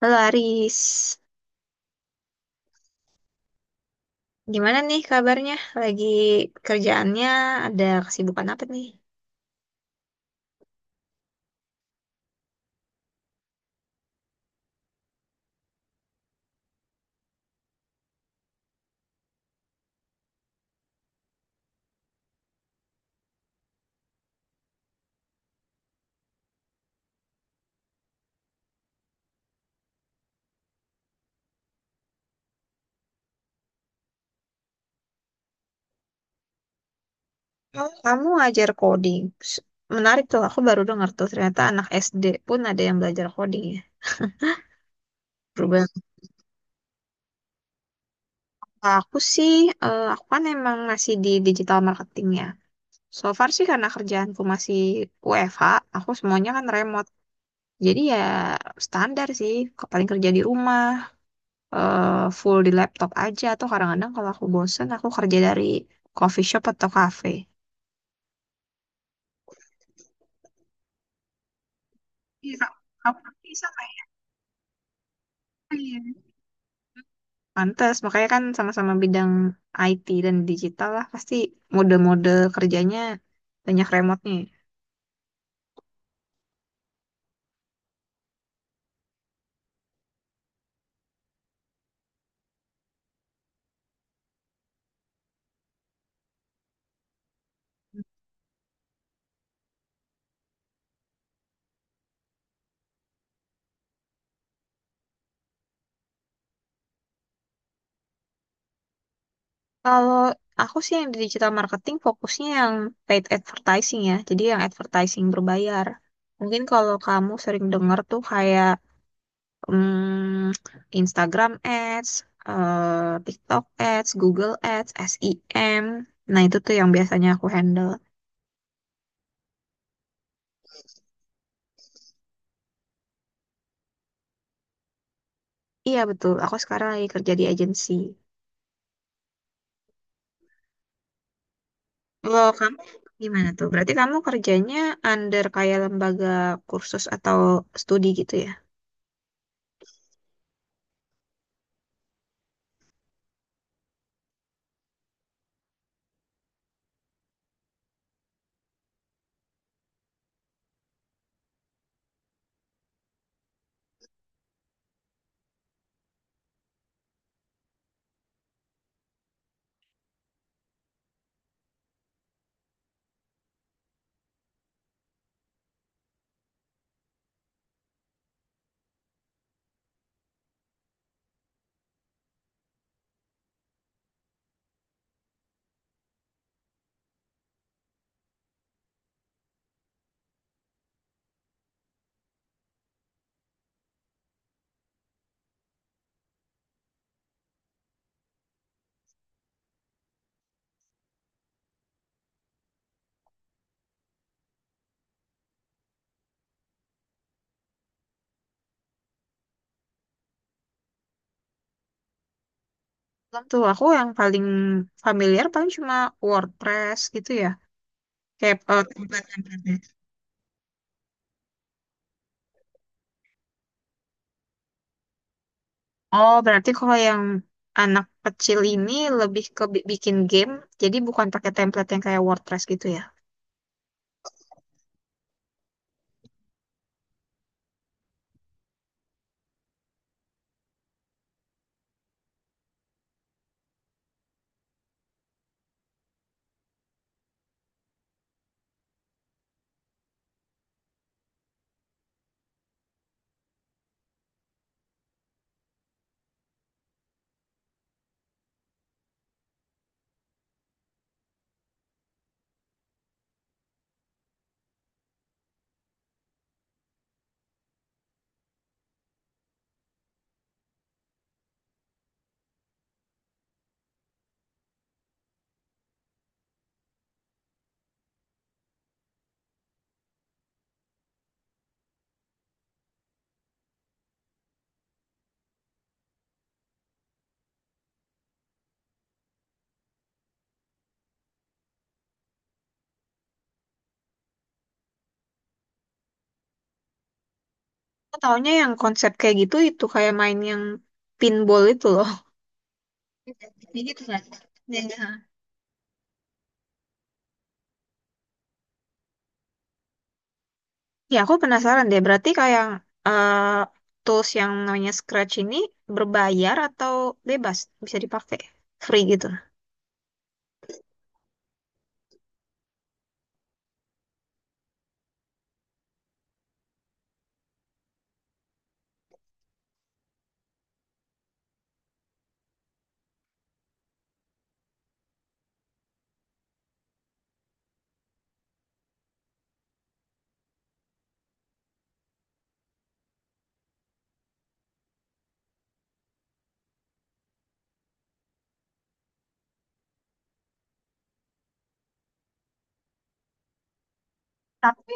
Halo Aris, gimana nih kabarnya? Lagi kerjaannya ada kesibukan apa nih? Oh, kamu ajar coding. S- Menarik tuh, aku baru dengar tuh ternyata anak SD pun ada yang belajar coding ya. Berubah. Aku sih, aku kan emang masih di digital marketing ya. So far sih karena kerjaanku masih WFH, aku semuanya kan remote. Jadi ya standar sih, paling kerja di rumah. eh, Full di laptop aja atau kadang-kadang kalau aku bosen aku kerja dari coffee shop atau cafe. Iya, Kak. Kamu bisa kayak. Iya. Pantes, makanya kan sama-sama bidang IT dan digital lah pasti mode-mode kerjanya banyak remote-nya. Kalau aku sih yang di digital marketing fokusnya yang paid advertising ya, jadi yang advertising berbayar. Mungkin kalau kamu sering dengar tuh kayak Hmm, Instagram Ads, TikTok Ads, Google Ads, SEM. Nah, itu tuh yang biasanya aku handle. Iya, betul. Aku sekarang lagi kerja di agensi. Loh, kamu gimana tuh? Berarti kamu kerjanya under kayak lembaga kursus atau studi gitu ya? Belum tuh, aku yang paling familiar paling cuma WordPress gitu ya. Kayak template-template. Oh, berarti kalau yang anak kecil ini lebih ke bikin game, jadi bukan pakai template yang kayak WordPress gitu ya. Aku taunya yang konsep kayak gitu itu kayak main yang pinball itu loh. Kayak gitu kan? Iya. Ya, aku penasaran deh. Berarti kayak eh, tools yang namanya Scratch ini berbayar atau bebas bisa dipakai? Free gitu. Tapi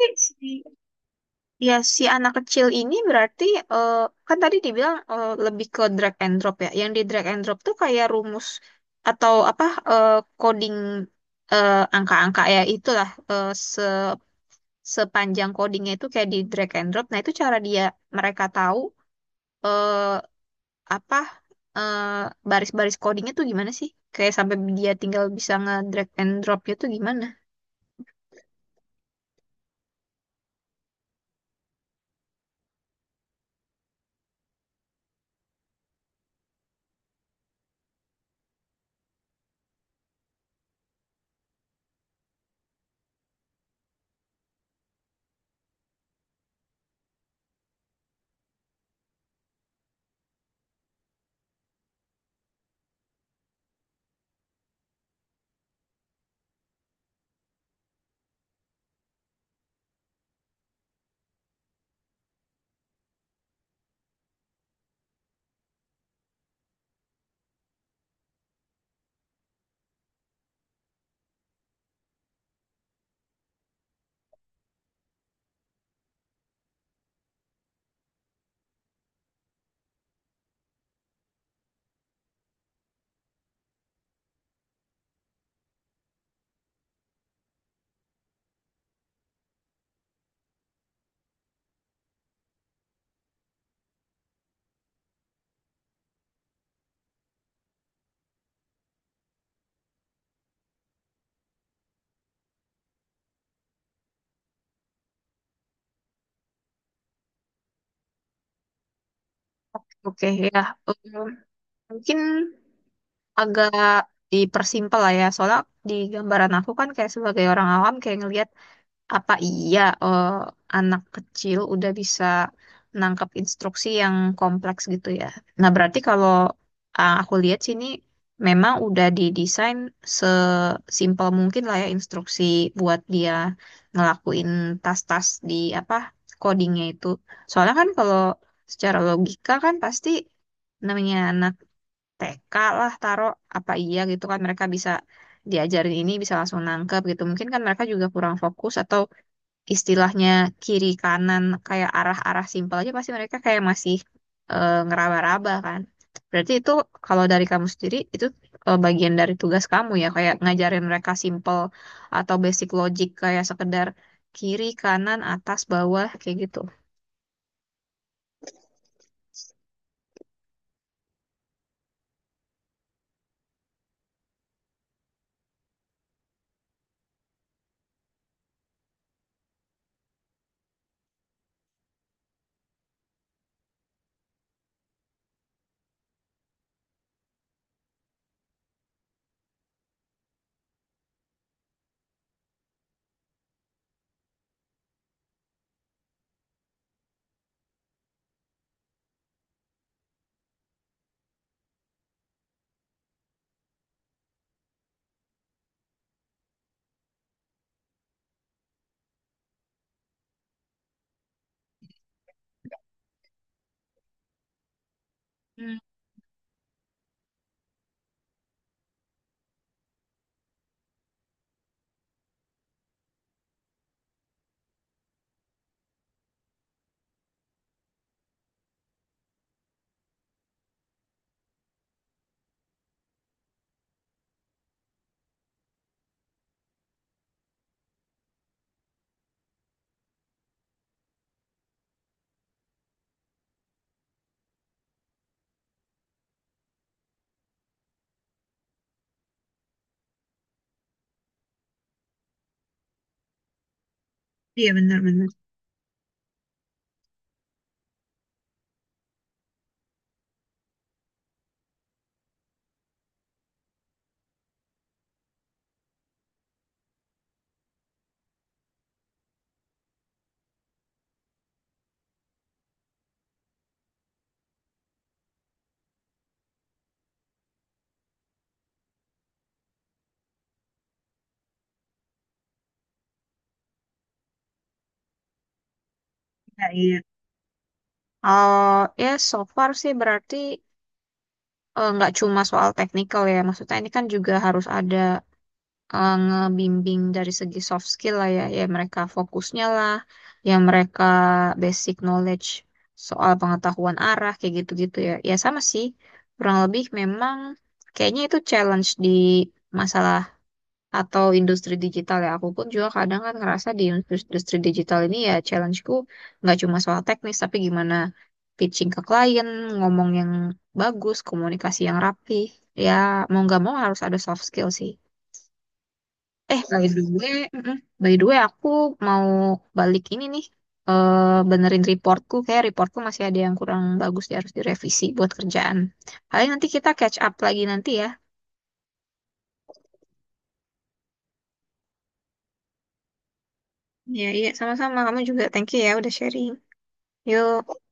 ya, si anak kecil ini berarti, eh, kan tadi dibilang, lebih ke drag and drop ya. Yang di drag and drop tuh kayak rumus atau apa, eh, coding, angka-angka ya itulah, eh, se sepanjang codingnya itu kayak di drag and drop. Nah, itu cara dia mereka tahu, eh, apa, eh, baris-baris codingnya tuh gimana sih? Kayak sampai dia tinggal bisa nge-drag and dropnya tuh gimana? Oke, ya. Em, mungkin agak dipersimpel lah ya. Soalnya di gambaran aku kan kayak sebagai orang awam kayak ngelihat apa iya, anak kecil udah bisa nangkep instruksi yang kompleks gitu ya. Nah, berarti kalau ah, aku lihat sini memang udah didesain sesimpel mungkin lah ya instruksi buat dia ngelakuin tas-tas di apa codingnya itu. Soalnya kan kalau secara logika kan pasti namanya anak TK lah taruh apa iya gitu kan mereka bisa diajarin ini bisa langsung nangkep gitu mungkin kan mereka juga kurang fokus atau istilahnya kiri kanan kayak arah-arah simpel aja pasti mereka kayak masih, ngeraba-raba kan berarti itu kalau dari kamu sendiri itu, bagian dari tugas kamu ya kayak ngajarin mereka simpel atau basic logic kayak sekedar kiri kanan atas bawah kayak gitu. Hmm, iya benar-benar. Iya, iya. Oh, ya so far sih berarti, nggak cuma soal teknikal ya. Maksudnya ini kan juga harus ada, ngebimbing dari segi soft skill lah ya. Ya mereka fokusnya lah, ya mereka basic knowledge soal pengetahuan arah kayak gitu-gitu ya. Ya sama sih, kurang lebih memang kayaknya itu challenge di masalah atau industri digital ya aku pun juga kadang kan ngerasa di industri industri digital ini ya challenge-ku nggak cuma soal teknis tapi gimana pitching ke klien ngomong yang bagus komunikasi yang rapi ya mau nggak mau harus ada soft skill sih. By the way, by the way aku mau balik ini nih, benerin reportku kayak reportku masih ada yang kurang bagus dia harus direvisi buat kerjaan paling nanti kita catch up lagi nanti ya. Iya, iya, sama-sama. Kamu juga thank you ya udah sharing. Yuk.